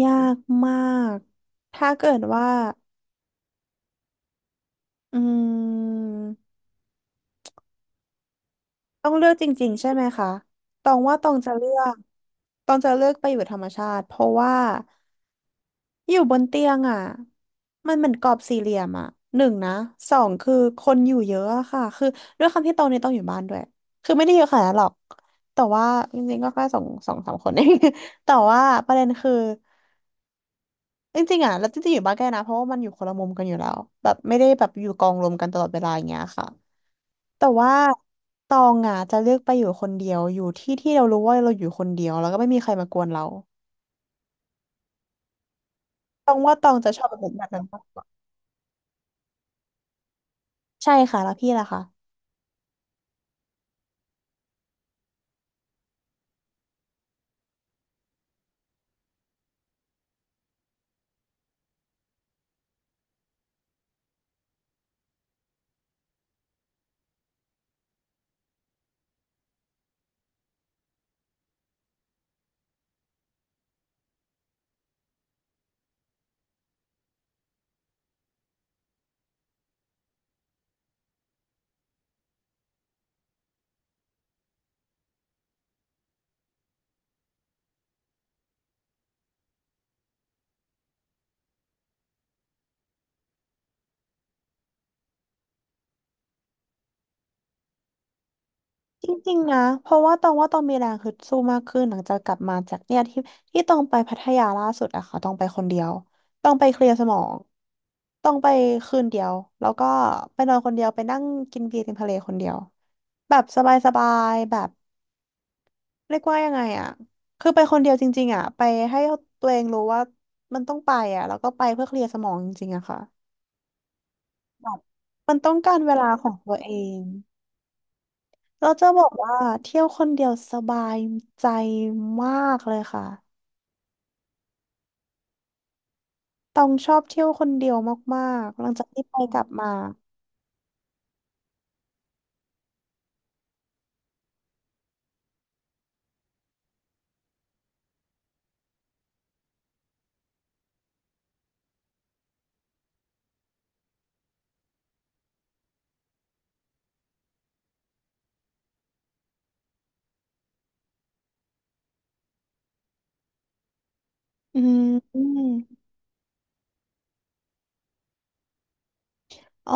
ยากมาก ถ้าเกิดว่าอืมต้องเลือกจริงๆใช่ไหมคะตองว่าตองจะเลือกตองจะเลือกไปอยู่ธรรมชาติเพราะว่า อยู่บนเตียงอ่ะมันเหมือนกรอบสี่เหลี่ยมอ่ะหนึ่งนะสองคือคนอยู่เยอะอะค่ะคือด้วยความที่โตเนี่ยต้องอยู่บ้านด้วยคือไม่ได้เยอะขนาดนั้นหรอกแต่ว่าจริงๆก็แค่สองสองสามคนเอง แต่ว่าประเด็นคือจริงๆอ่ะแล้วจริงๆอยู่บ้านแกล้นะเพราะว่ามันอยู่คนละมุมกันอยู่แล้วแบบไม่ได้แบบอยู่กองรวมกันตลอดเวลาอย่างเงี้ยค่ะแต่ว่าตองอ่ะจะเลือกไปอยู่คนเดียวอยู่ที่ที่เรารู้ว่าเราอยู่คนเดียวแล้วก็ไม่มีใครมากวนเราตองว่าตองจะชอบแบบนั้นมากใช่ค่ะแล้วพี่ล่ะคะ จริงๆนะเพราะว่าตองว่าตองมีแรงฮึดสู้มากขึ้นหลังจากกลับมาจากเนี่ยที่ที่ตองไปพัทยาล่าสุดอะค่ะตองไปคนเดียวตองไปเคลียร์สมองตองไปคืนเดียวแล้วก็ไปนอนคนเดียวไปนั่งกินเบียร์ริมทะเลคนเดียวแบบสบายๆแบบเรียกว่ายังไงอะคือไปคนเดียวจริงๆอะไปให้ตัวเองรู้ว่ามันต้องไปอะแล้วก็ไปเพื่อเคลียร์สมองจริงๆอะค่ะแบบมันต้องการเวลาของตัวเอง เราจะบอกว่าเที่ยวคนเดียวสบายใจมากเลยค่ะต้องชอบเที่ยวคนเดียวมากๆหลังจากที่ไปกลับมาอืมอมอ๋อ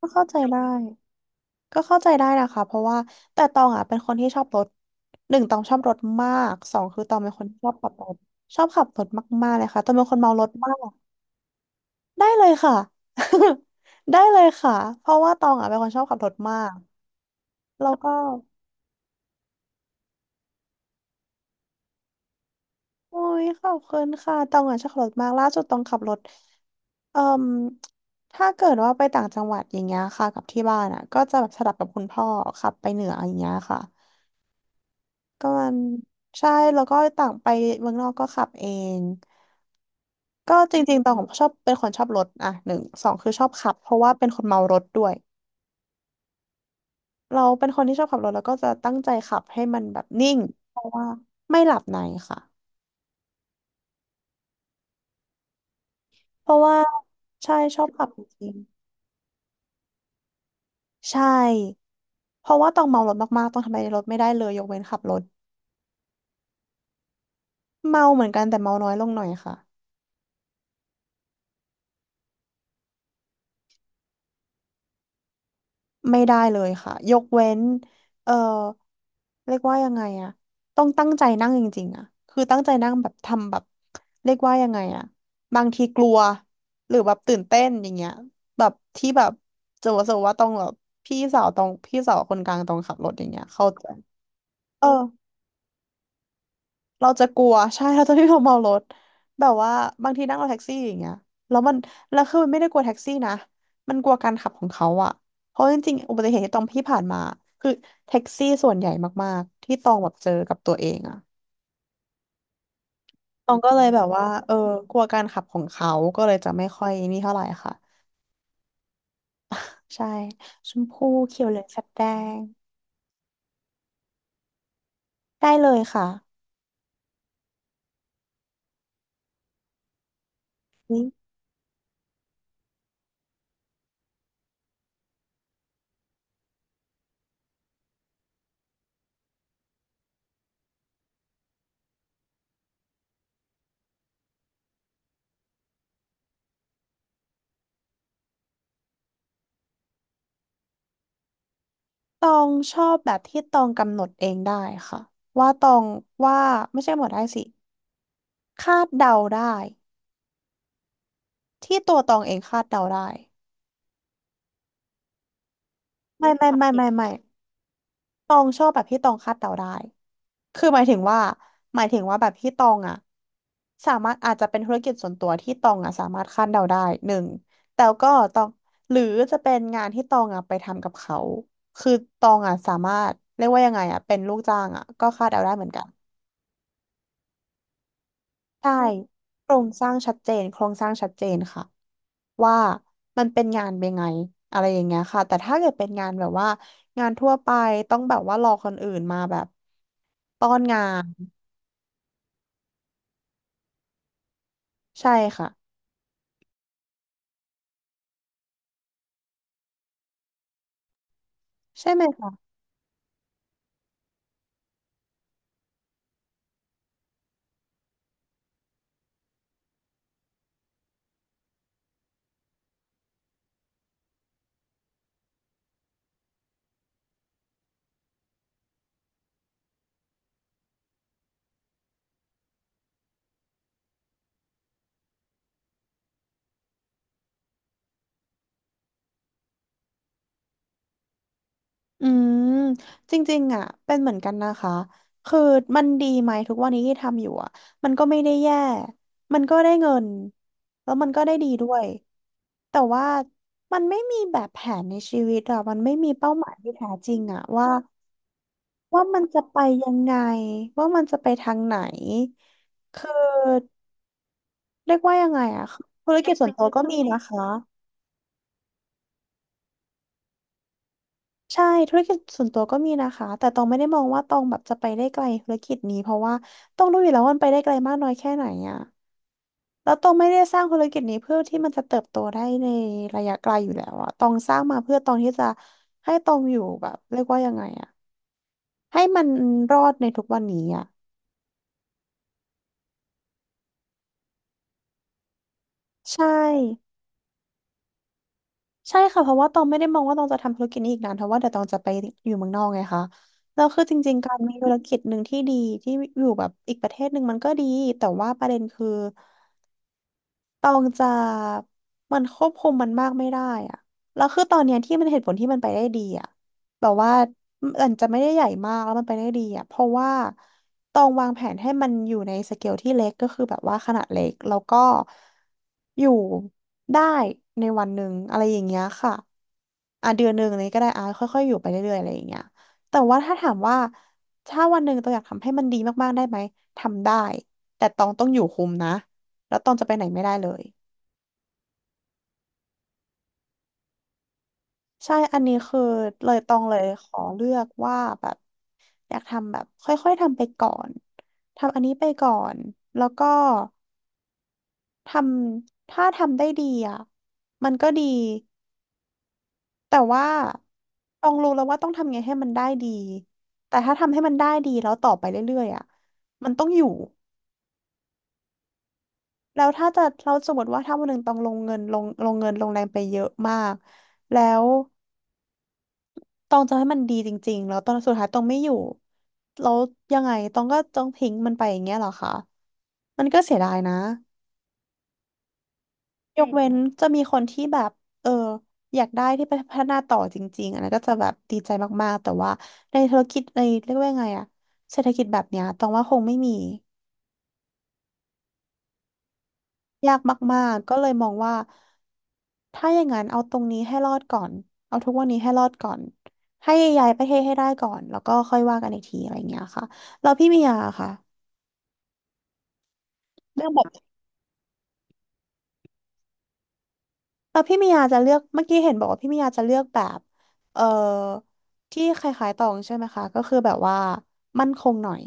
ก็เข้าใจได้ก็เข้าใจได้นะคะเพราะว่าแต่ตองอ่ะเป็นคนที่ชอบรถหนึ่งตองชอบรถมากสองคือตองเป็นคนชอบขับรถชอบขับรถมากๆเลยค่ะตองเป็นคนเมารถมากได้เลยค่ะ ได้เลยค่ะเพราะว่าตองอ่ะเป็นคนชอบขับรถมากแล้วก็ โอ้ยขอบคุณค่ะตองอ่ะชอบขับรถมากล่าสุดตองขับรถเอ่มถ้าเกิดว่าไปต่างจังหวัดอย่างเงี้ยค่ะกับที่บ้านอ่ะก็จะแบบสลับกับคุณพ่อขับไปเหนืออย่างเงี้ยค่ะก็มันใช่แล้วก็ต่างไปเมืองนอกก็ขับเองก็จริงๆตองชอบเป็นคนชอบรถอ่ะหนึ่งสองคือชอบขับเพราะว่าเป็นคนเมารถด้วยเราเป็นคนที่ชอบขับรถแล้วก็จะตั้งใจขับให้มันแบบนิ่งเพราะว่าไม่หลับในค่ะเพราะว่าใช่ชอบขับจริง ใช่เพราะว่าต้องเมารถมากๆต้องทำอะไรในรถไม่ได้เลยยกเว้นขับรถเมาเหมือนกันแต่เมาน้อยลงหน่อยค่ะไม่ได้เลยค่ะยกเว้นเออเรียกว่ายังไงอะต้องตั้งใจนั่งจริงๆอะคือตั้งใจนั่งแบบทำแบบเรียกว่ายังไงอะบางทีกลัวหรือแบบตื่นเต้นอย่างเงี้ยแบบที่แบบจะว่าต้องแบบพี่สาวตรงพี่สาวคนกลางตรงขับรถอย่างเงี้ยเขาใจะเออ เราจะกลัว ใช่เราจะไม่ยอมเมารถแบบว่าบางทีนั่งรถแท็กซี่อย่างเงี้ยแล้วมันแล้วคือมันไม่ได้กลัวแท็กซี่นะมันกลัวการขับของเขาอะเพราะจริงๆอุบัติเหตุที่ตองพี่ผ่านมาคือแท็กซี่ส่วนใหญ่มากๆที่ตองแบบเจอกับตัวเองอะตองก็เลยแบบว่าเออกลัวการขับของเขาก็เลยจะไม่ค่อยนี่เท่าไหร่ค่ะใช่ชมพูเขียวเหลืองแฟดแดงได้เลยค่ะนี่ตองชอบแบบที่ตองกำหนดเองได้ค่ะว่าตองว่าไม่ใช่หมดได้สิ คาดเดาได้ที่ตัวตองเองคาดเดาได้ไม่ตองชอบแบบที่ตองคาดเดาได้คือหมายถึงว่าแบบที่ตองอ่ะสามารถอาจจะเป็นธุรกิจส่วนตัวที่ตองอ่ะสามารถคาดเดาได้หนึ่งแต่ก็ตองหรือจะเป็นงานที่ตองอ่ะไปทำกับเขาคือตองอ่ะสามารถเรียกว่ายังไงอ่ะเป็นลูกจ้างอ่ะก็คาดเดาได้เหมือนกัน ใช่โครงสร้างชัดเจนโครงสร้างชัดเจนค่ะว่ามันเป็นงานเป็นไงอะไรอย่างเงี้ยค่ะแต่ถ้าเกิดเป็นงานแบบว่างานทั่วไปต้องแบบว่ารอคนอื่นมาแบบต้อนงานใช่ค่ะใช่ไหมคะอืมจริงๆอ่ะเป็นเหมือนกันนะคะคือมันดีไหมทุกวันนี้ที่ทำอยู่อ่ะมันก็ไม่ได้แย่มันก็ได้เงินแล้วมันก็ได้ดีด้วยแต่ว่ามันไม่มีแบบแผนในชีวิตอ่ะมันไม่มีเป้าหมายที่แท้จริงอ่ะว่า ว่ามันจะไปยังไงว่ามันจะไปทางไหนคือเรียกว่ายังไงอะคือธุรกิจส่วนตัวก็มีนะคะใช่ธุรกิจส่วนตัวก็มีนะคะแต่ตองไม่ได้มองว่าตองแบบจะไปได้ไกลธุรกิจนี้เพราะว่าต้องรู้อยู่แล้วว่ามันไปได้ไกลมากน้อยแค่ไหนอะแล้วตองไม่ได้สร้างธุรกิจนี้เพื่อที่มันจะเติบโตได้ในระยะไกลอยู่แล้วอะตองสร้างมาเพื่อตองที่จะให้ตองอยู่แบบเรียกว่ายังไงอะให้มันรอดในทุกวันนี้อะใช่ ใช่ค่ะเพราะว่าตองไม่ได้มองว่าตองจะทำธุรกิจนี้อีกนานเพราะว่าเดี๋ยวตองจะไปอยู่เมืองนอกไงคะแล้วคือจริงๆการมีธุรกิจหนึ่งที่ดีที่อยู่แบบอีกประเทศหนึ่งมันก็ดีแต่ว่าประเด็นคือ ตองจะมันควบคุมมันมากไม่ได้อะแล้วคือตอนเนี้ยที่มันเหตุผลที่มันไปได้ดีอะแบบว่ามันจะไม่ได้ใหญ่มากแล้วมันไปได้ดีอะเพราะว่าตองวางแผนให้มันอยู่ในสเกลที่เล็กก็คือแบบว่าขนาดเล็กแล้วก็อยู่ได้ในวันหนึ่งอะไรอย่างเงี้ยค่ะอ่ะเดือนหนึ่งอะไรก็ได้อ่ะค่อยๆอยู่ไปเรื่อยๆอะไรอย่างเงี้ยแต่ว่าถ้าถามว่าถ้าวันหนึ่งตองอยากทำให้มันดีมากๆได้ไหมทำได้แต่ตองต้องอยู่คุมนะ แล้วตองจะไปไหนไม่ได้เลยใช่อันนี้คือเลยตองเลยขอเลือกว่าแบบอยากทำแบบค่อยๆทำไปก่อนทำอันนี้ไปก่อนแล้วก็ทำถ้าทำได้ดีอ่ะมันก็ดีแต่ว่าต้องรู้แล้วว่าต้องทำไงให้มันได้ดีแต่ถ้าทำให้มันได้ดีแล้วต่อไปเรื่อยๆอ่ะมันต้องอยู่แล้วถ้าจะเราสมมติว่าถ้าวันหนึ่งต้องลงเงินลงเงินลงแรงไปเยอะมากแล้ว ตองจะให้มันดีจริงๆ แล้วตอนสุดท้ายตองไม่อยู่แล้วยังไงตองก็ต้องทิ้งมันไปอย่างเงี้ยเหรอคะมันก็เสียดายนะยกเว้นจะมีคนที่แบบเอออยากได้ที่ไปพัฒนาต่อจริงๆอันนั้นก็จะแบบดีใจมากๆแต่ว่าในธุรกิจในเรียกว่าไงอะเศรษฐกิจแบบเนี้ยตองว่าคงไม่มียากมากๆก็เลยมองว่าถ้าอย่างนั้นเอาตรงนี้ให้รอดก่อนเอาทุกวันนี้ให้รอดก่อนให้ย้ายประเทศให้ได้ก่อนแล้วก็ค่อยว่ากันอีกทีอะไรอย่างเงี้ยค่ะแล้วพี่มียาค่ะ เลือกแบบพี่มียาจะเลือกเมื่อกี้เห็นบอกว่าพี่มียาจะเลือกแบบเออที่คล้ายๆตองใช่ไหมคะก็คือแบบว่ามั่นคงหน่อย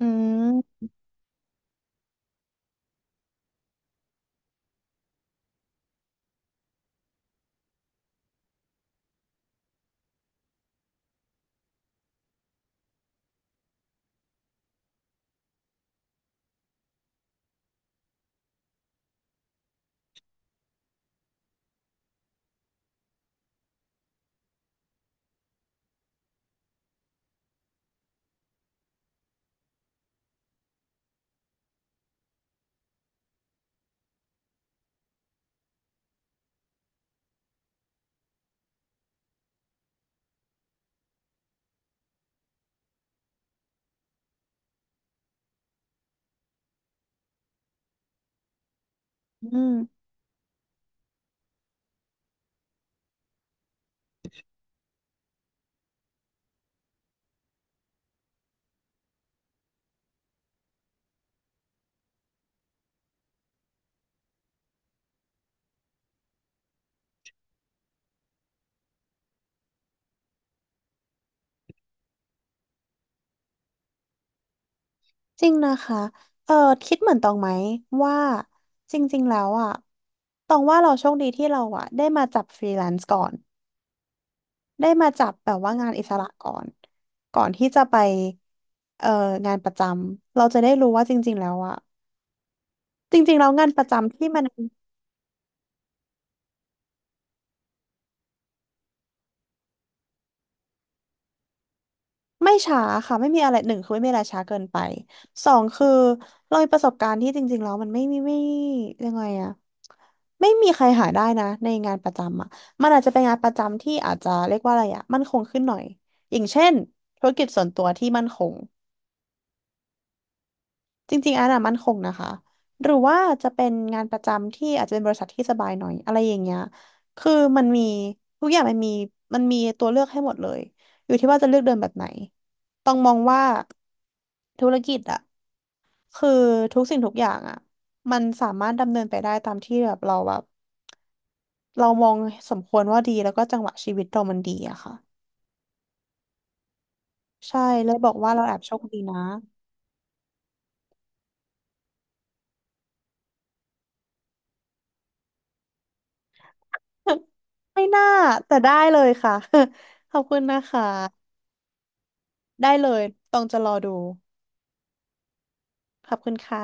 อืมอืมจริงนะคะเออคิดเหมือนตองไหมว่าจริงๆแล้วอ่ะตองว่าเราโชคดีที่เราอ่ะได้มาจับฟรีแลนซ์ก่อนได้มาจับแบบว่างานอิสระก่อนก่อนที่จะไปเอ่องานประจำเราจะได้รู้ว่าจริงๆแล้วอ่ะจริงๆแล้วงานประจำที่มัน ไม่ช้าค่ะไม่มีอะไรหนึ่งคือไม่มีอะไรช้าเกินไปสองคือเรามีประสบการณ์ที่จริงๆแล้วมันไม่มีไม่ยังไงอะไม่มีใครหาได้นะในงานประจำอะมันอาจจะเป็นงานประจำที่อาจจะเรียกว่าอะไรอะมั่นคงขึ้นหน่อยอย่างเช่นธุรกิจส่วนตัวที่มั่นคงจริงๆอันน่ะมั่นคงนะคะหรือว่าจะเป็นงานประจำที่อาจจะเป็นบริษัทที่สบายหน่อยอะไรอย่างเงี้ยคือมันมีทุกอย่างมันมีตัวเลือกให้หมดเลยอยู่ที่ว่าจะเลือกเดินแบบไหนต้องมองว่า ธุรกิจอะคือทุกสิ่งทุกอย่างอะมันสามารถดำเนินไปได้ตามที่แบบเราแบบเรามองสมควรว่าดีแล้วก็จังหวะชีวิตเรามันดีอะค่ะใช่เลยบอกว่าเราแอบโชคดีนะ ไม่น่าแต่ได้เลยค่ะ ขอบคุณนะคะได้เลยต้องจะรอดูขอบคุณค่ะ